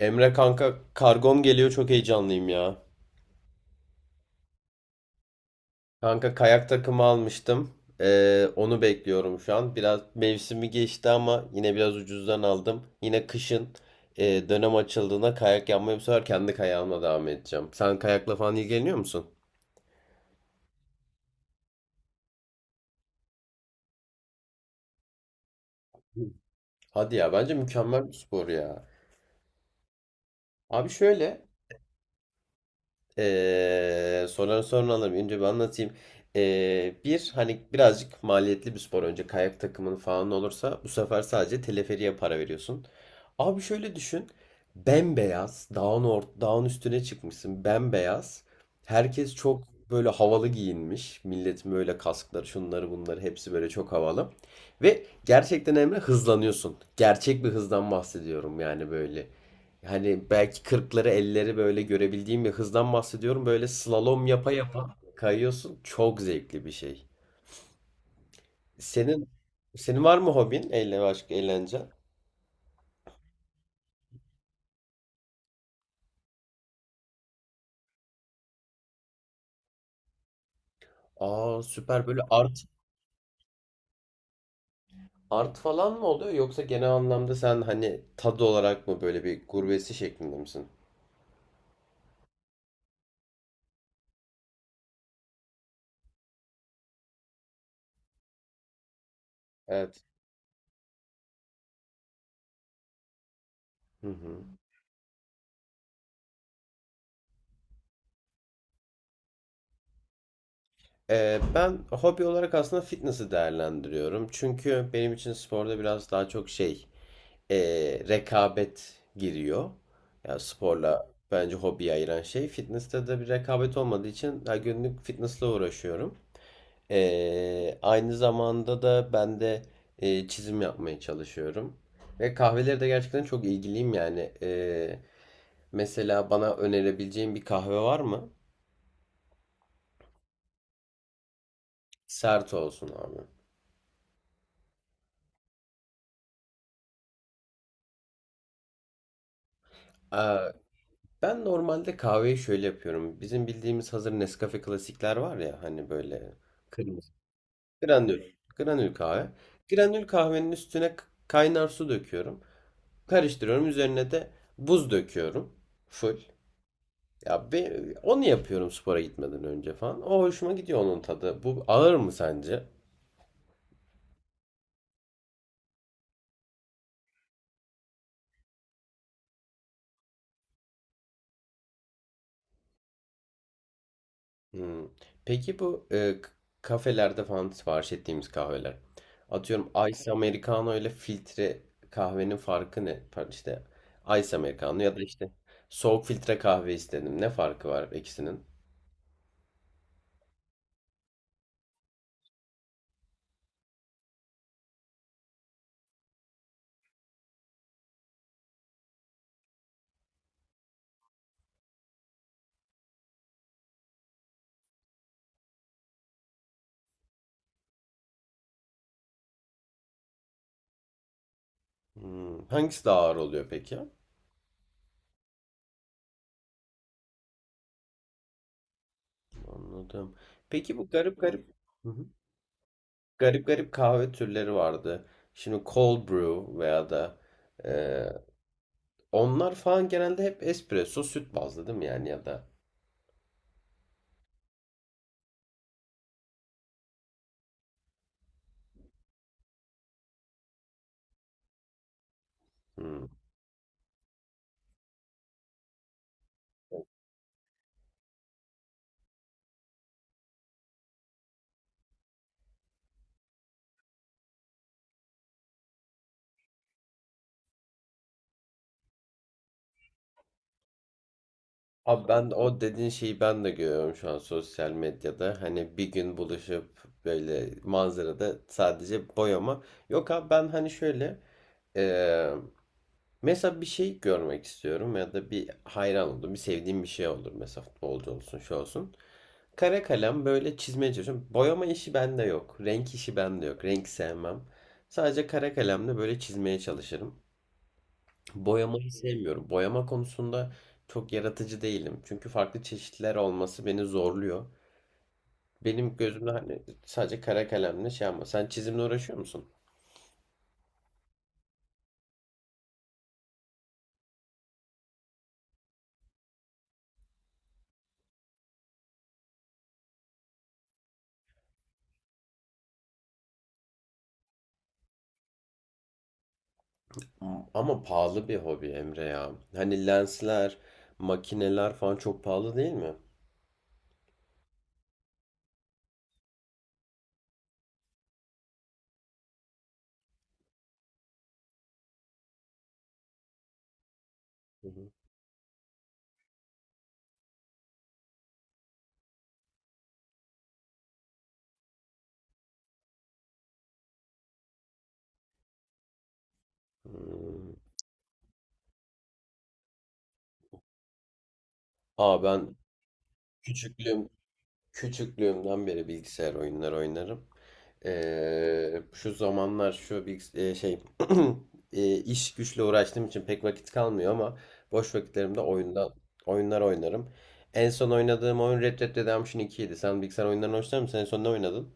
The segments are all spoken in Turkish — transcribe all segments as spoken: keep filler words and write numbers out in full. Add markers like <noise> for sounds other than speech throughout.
Emre kanka kargom geliyor çok heyecanlıyım ya. Kanka kayak takımı almıştım. Ee, onu bekliyorum şu an. Biraz mevsimi geçti ama yine biraz ucuzdan aldım. Yine kışın e, dönem açıldığında kayak yapmaya bu sefer kendi kayağımla devam edeceğim. Sen kayakla falan ilgileniyor musun? Hadi ya bence mükemmel bir spor ya. Abi şöyle. Ee, soruları sonra alırım. Önce bir anlatayım. Ee, bir hani birazcık maliyetli bir spor. Önce kayak takımın falan olursa bu sefer sadece teleferiğe para veriyorsun. Abi şöyle düşün. Bembeyaz dağın, or dağın üstüne çıkmışsın. Bembeyaz. Herkes çok böyle havalı giyinmiş. Milletin böyle kaskları şunları bunları hepsi böyle çok havalı. Ve gerçekten Emre hızlanıyorsun. Gerçek bir hızdan bahsediyorum yani böyle. Hani belki kırkları ellileri böyle görebildiğim bir hızdan bahsediyorum. Böyle slalom yapa yapa kayıyorsun. Çok zevkli bir şey. Senin senin var mı hobin? Eğlence başka eğlence. Aa süper böyle art, art falan mı oluyor yoksa genel anlamda sen hani tad olarak mı böyle bir gurbesi şeklinde misin? Evet. Hı hı. Ee, ben hobi olarak aslında fitness'ı değerlendiriyorum. Çünkü benim için sporda biraz daha çok şey e, rekabet giriyor. Yani sporla bence hobiyi ayıran şey. Fitness'te de bir rekabet olmadığı için her günlük fitness'la uğraşıyorum. E, aynı zamanda da ben de e, çizim yapmaya çalışıyorum. Ve kahveleri de gerçekten çok ilgiliyim yani. E, mesela bana önerebileceğin bir kahve var mı? Sert olsun abi. Aa, ben normalde kahveyi şöyle yapıyorum. Bizim bildiğimiz hazır Nescafe klasikler var ya hani böyle. Granül. Granül kahve. Granül kahvenin üstüne k- kaynar su döküyorum. Karıştırıyorum. Üzerine de buz döküyorum. Full. Ya be, onu yapıyorum spora gitmeden önce falan. O hoşuma gidiyor onun tadı. Bu ağır mı sence? Hmm. Peki bu e, k- kafelerde falan sipariş ettiğimiz kahveler. Atıyorum Ice Americano ile filtre kahvenin farkı ne? Pardon, İşte Ice Americano ya da işte soğuk filtre kahve istedim. Ne farkı var ikisinin? Hmm, hangisi daha ağır oluyor peki? Anladım. Peki bu garip garip. Hı hı. Garip garip kahve türleri vardı. Şimdi cold brew veya da e, onlar falan genelde hep espresso süt bazlı değil mi yani ya da. Hmm. Abi ben de o dediğin şeyi ben de görüyorum şu an sosyal medyada. Hani bir gün buluşup böyle manzarada sadece boyama. Yok abi ben hani şöyle, e, mesela bir şey görmek istiyorum ya da bir hayran oldum, bir sevdiğim bir şey olur. Mesela futbolcu olsun, şu olsun. Kara kalem böyle çizmeye çalışıyorum. Boyama işi bende yok. Renk işi bende yok. Renk sevmem. Sadece kara kalemle böyle çizmeye çalışırım. Boyamayı sevmiyorum. Boyama konusunda çok yaratıcı değilim. Çünkü farklı çeşitler olması beni zorluyor. Benim gözümde hani sadece kara kalemle şey ama sen çizimle uğraşıyor musun? Ama pahalı bir hobi Emre ya. Hani lensler, makineler falan çok pahalı değil mi? Hı hı. Hmm. Aa ben küçüklüğüm küçüklüğümden beri bilgisayar oyunları oynarım. Ee, şu zamanlar şu bilgis e, şey <clears throat> e, iş güçle uğraştığım için pek vakit kalmıyor ama boş vakitlerimde oyunda oyunlar oynarım. En son oynadığım oyun Red Dead Redemption iki idi. Sen bilgisayar oyunlarını hoşlanır mısın? En son ne oynadın?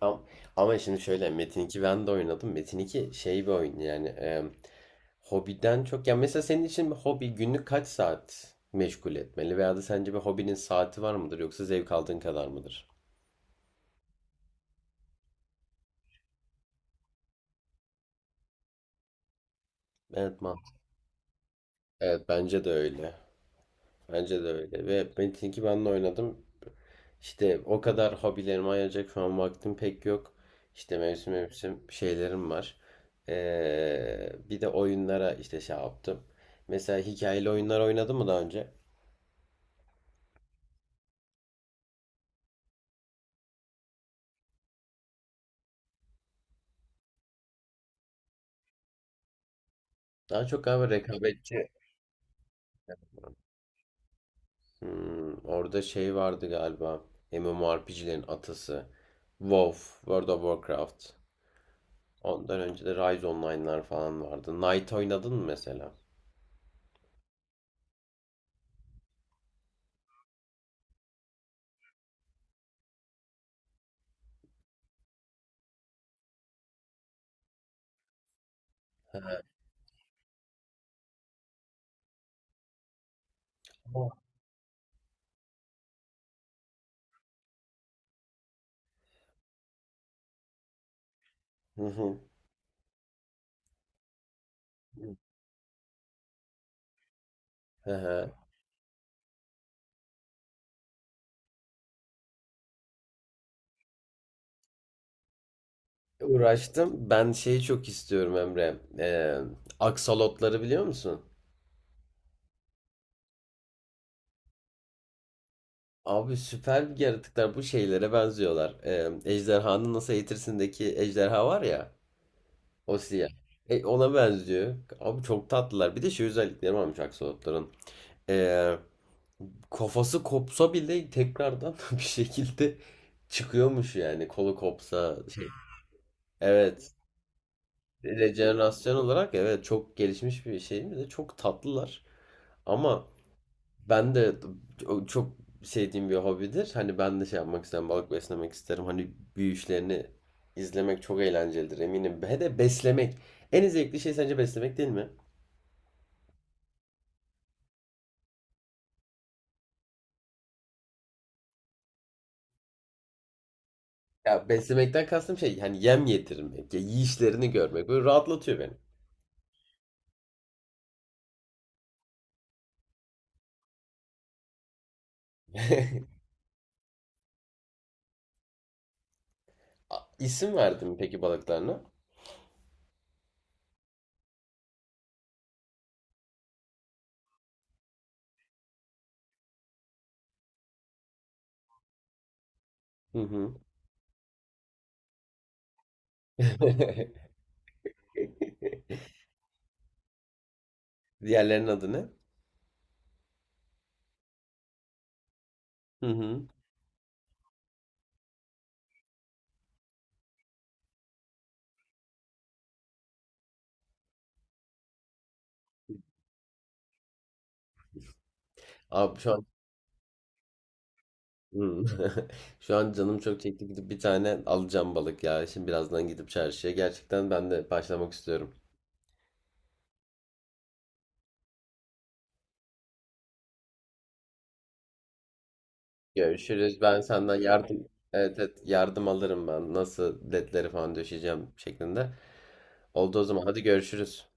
Am- Ama şimdi şöyle Metin iki ben de oynadım. Metin iki şey bir oyun yani, e, hobiden çok ya mesela senin için bir hobi günlük kaç saat meşgul etmeli veya da sence bir hobinin saati var mıdır yoksa zevk aldığın kadar mıdır? Evet mantıklı. Evet bence de öyle. Bence de öyle ve Metin iki ben de oynadım. İşte o kadar hobilerime ayıracak şu an vaktim pek yok. İşte mevsim mevsim şeylerim var. Ee, bir de oyunlara işte şey yaptım. Mesela hikayeli oyunlar oynadın mı daha önce? Daha çok galiba rekabetçi. Hmm, orada şey vardı galiba. M M O R P G'lerin atası. WoW, World of Warcraft. Ondan önce de Rise Online'lar falan vardı. Knight oynadın mı mesela? Hı hı. Hı hı. Uğraştım. Ben şeyi çok istiyorum Emre. Ee, aksolotları biliyor musun? Abi süper bir yaratıklar. Bu şeylere benziyorlar. Ee, Ejderhanın Nasıl Eğitirsin'deki ejderha var ya. O siyah. E, ona benziyor. Abi çok tatlılar. Bir de şey özellikleri varmış aksolotların. Ee, Kafası kopsa bile tekrardan <laughs> bir şekilde çıkıyormuş yani. Kolu kopsa şey. Evet. Rejenerasyon olarak evet çok gelişmiş bir şey. Bir de çok tatlılar. Ama ben de çok sevdiğim bir hobidir. Hani ben de şey yapmak isterim. Balık beslemek isterim. Hani büyüyüşlerini izlemek çok eğlencelidir eminim. He de beslemek. En zevkli şey sence beslemek değil mi? Ya beslemekten kastım şey hani yem yedirmek, ya yiyişlerini görmek böyle rahatlatıyor beni. <laughs> A- İsim verdin mi peki balıklarına? Hı hı. <laughs> Diğerlerinin adı ne? Hı hı. Abi şu an. Hı. <laughs> Şu an canım çok çekti gidip bir tane alacağım balık ya. Şimdi birazdan gidip çarşıya. Gerçekten ben de başlamak istiyorum. Görüşürüz. Ben senden yardım evet, evet yardım alırım ben. Nasıl ledleri falan döşeyeceğim şeklinde. Oldu o zaman. Hadi görüşürüz.